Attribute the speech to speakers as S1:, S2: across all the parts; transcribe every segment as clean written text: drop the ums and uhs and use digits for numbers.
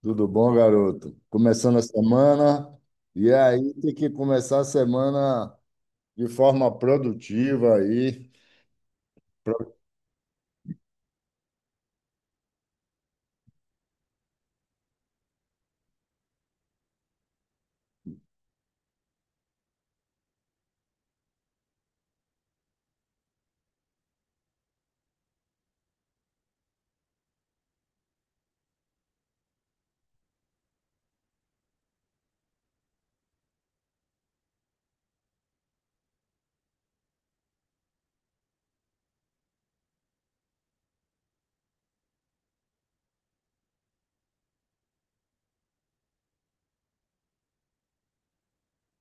S1: Tudo bom, garoto? Começando a semana, e aí tem que começar a semana de forma produtiva aí. Pro-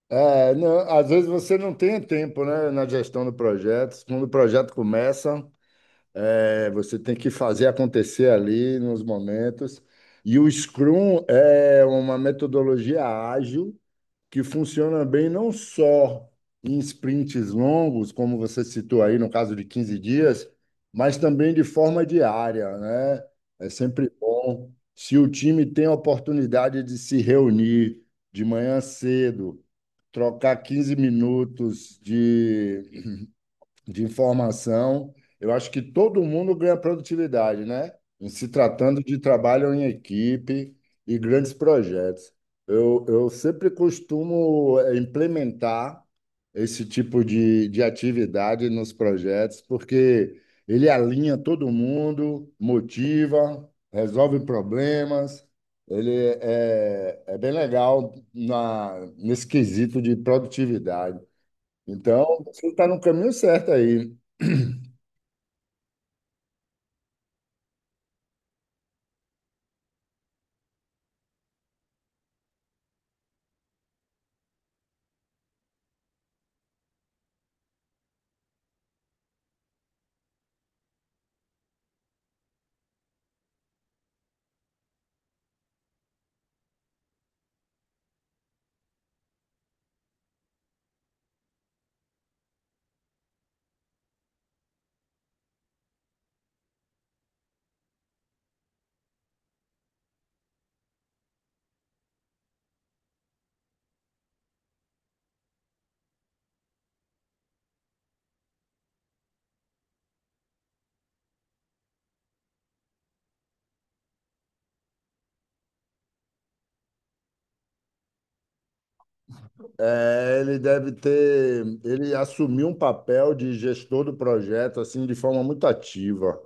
S1: É, não, às vezes você não tem tempo, né, na gestão do projeto. Quando o projeto começa, você tem que fazer acontecer ali nos momentos. E o Scrum é uma metodologia ágil que funciona bem não só em sprints longos, como você citou aí no caso de 15 dias, mas também de forma diária, né? É sempre bom se o time tem a oportunidade de se reunir de manhã cedo, trocar 15 minutos de informação. Eu acho que todo mundo ganha produtividade, né? Em se tratando de trabalho em equipe e grandes projetos. Eu sempre costumo implementar esse tipo de atividade nos projetos, porque ele alinha todo mundo, motiva, resolve problemas. Ele é bem legal nesse quesito de produtividade. Então, você está no caminho certo aí. É, ele deve ter, ele assumiu um papel de gestor do projeto assim de forma muito ativa.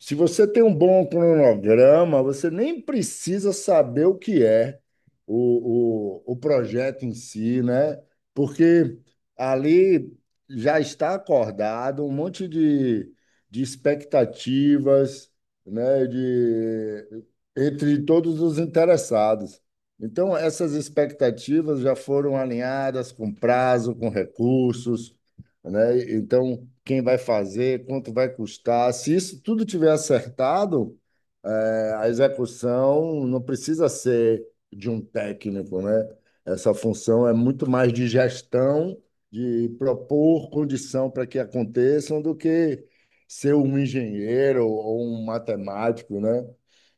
S1: Se você tem um bom cronograma, você nem precisa saber o que é o projeto em si, né? Porque ali já está acordado um monte de expectativas, né? De, entre todos os interessados. Então, essas expectativas já foram alinhadas com prazo, com recursos, né? Então, quem vai fazer, quanto vai custar? Se isso tudo tiver acertado, a execução não precisa ser de um técnico, né? Essa função é muito mais de gestão, de propor condição para que aconteçam, do que ser um engenheiro ou um matemático, né?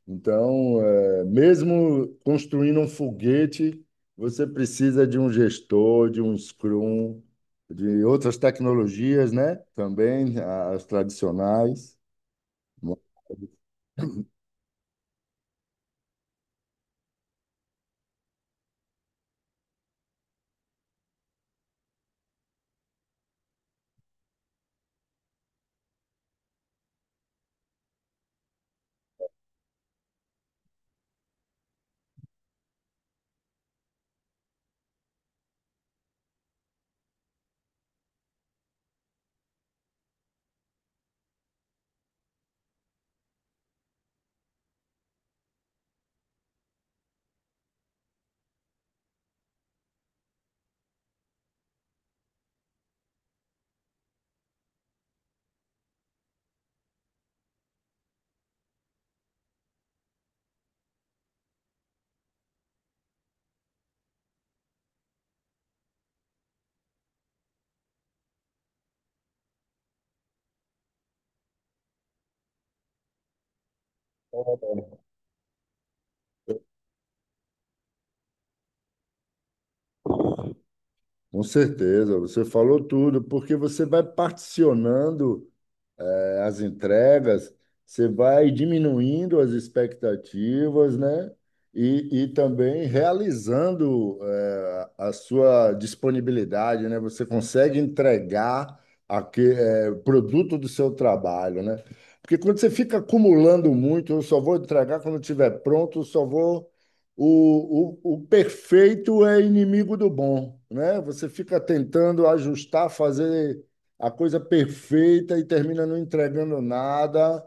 S1: Então, mesmo construindo um foguete, você precisa de um gestor, de um scrum, de outras tecnologias, né? Também as tradicionais. Com certeza, você falou tudo, porque você vai particionando. As entregas, você vai diminuindo as expectativas, né? E também realizando a sua disponibilidade, né? Você consegue entregar o produto do seu trabalho, né? Porque quando você fica acumulando muito, eu só vou entregar quando estiver pronto, eu só vou. O perfeito é inimigo do bom, né? Você fica tentando ajustar, fazer a coisa perfeita e termina não entregando nada.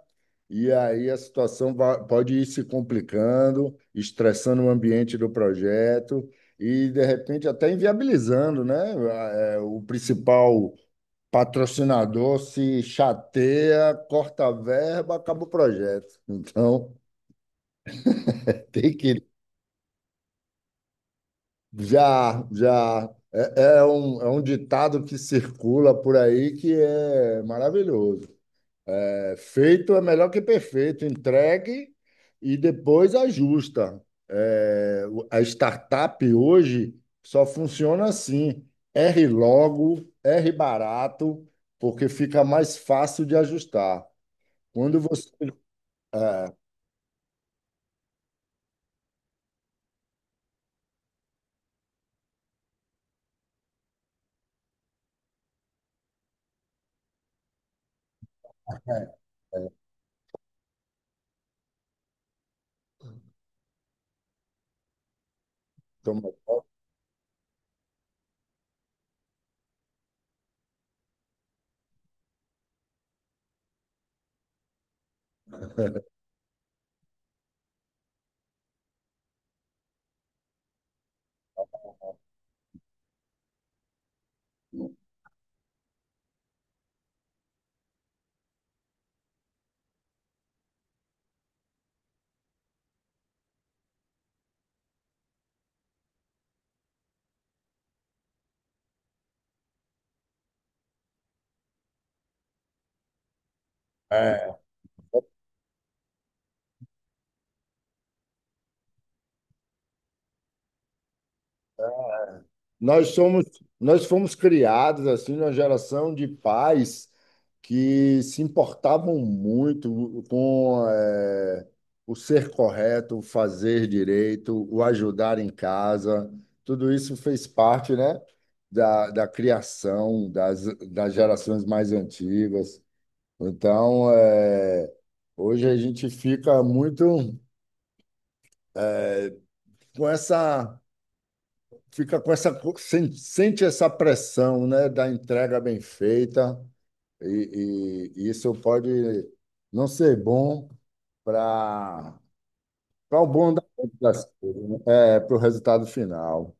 S1: E aí a situação pode ir se complicando, estressando o ambiente do projeto e, de repente, até inviabilizando, né? O principal patrocinador se chateia, corta a verba, acaba o projeto. Então, tem que já, já. É, é um ditado que circula por aí que é maravilhoso. É, feito é melhor que perfeito. Entregue e depois ajusta. É, a startup hoje só funciona assim: erre logo, erre barato, porque fica mais fácil de ajustar. Quando você. É, toma- é, Nós somos, nós fomos criados assim numa geração de pais que se importavam muito com o ser correto, o fazer direito, o ajudar em casa. Tudo isso fez parte, né, da criação das gerações mais antigas. Então, hoje a gente fica muito é, com essa fica com essa sente essa pressão, né, da entrega bem feita e isso pode não ser bom para para das coisas, né? Para o resultado final.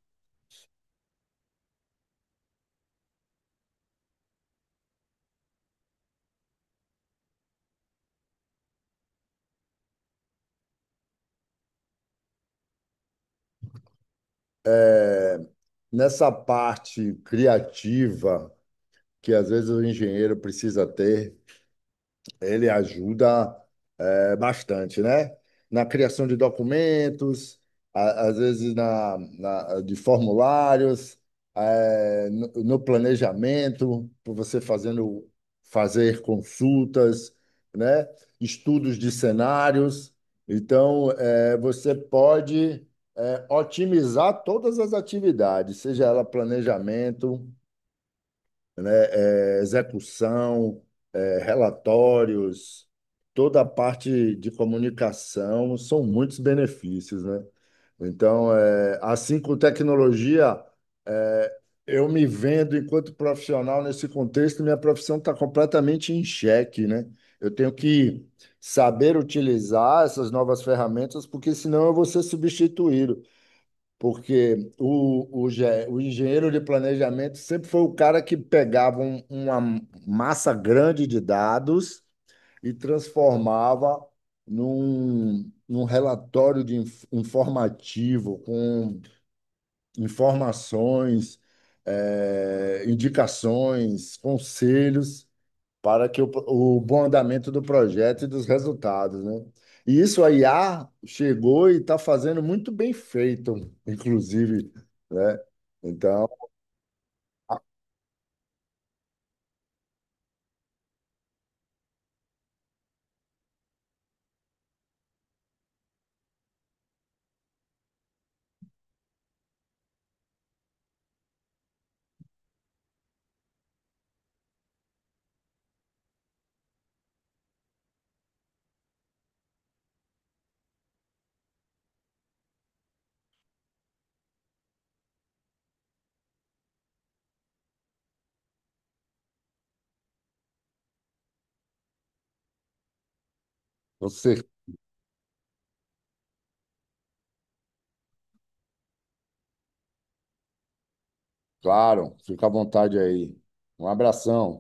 S1: É, nessa parte criativa que às vezes o engenheiro precisa ter. Ele ajuda bastante, né? Na criação de documentos, às vezes de formulários, no planejamento, por você fazendo fazer consultas, né? Estudos de cenários. Então, você pode otimizar todas as atividades, seja ela planejamento, né, execução, relatórios, toda a parte de comunicação, são muitos benefícios, né? Então, assim com tecnologia, é, eu me vendo enquanto profissional nesse contexto, minha profissão está completamente em xeque, né? Eu tenho que saber utilizar essas novas ferramentas, porque senão eu vou ser substituído porque o engenheiro de planejamento sempre foi o cara que pegava uma massa grande de dados e transformava num relatório de informativo com informações, indicações, conselhos para que o bom andamento do projeto e dos resultados, né? E isso a IA chegou e está fazendo muito bem feito, inclusive, né? Então, você, claro, fica à vontade aí. Um abração.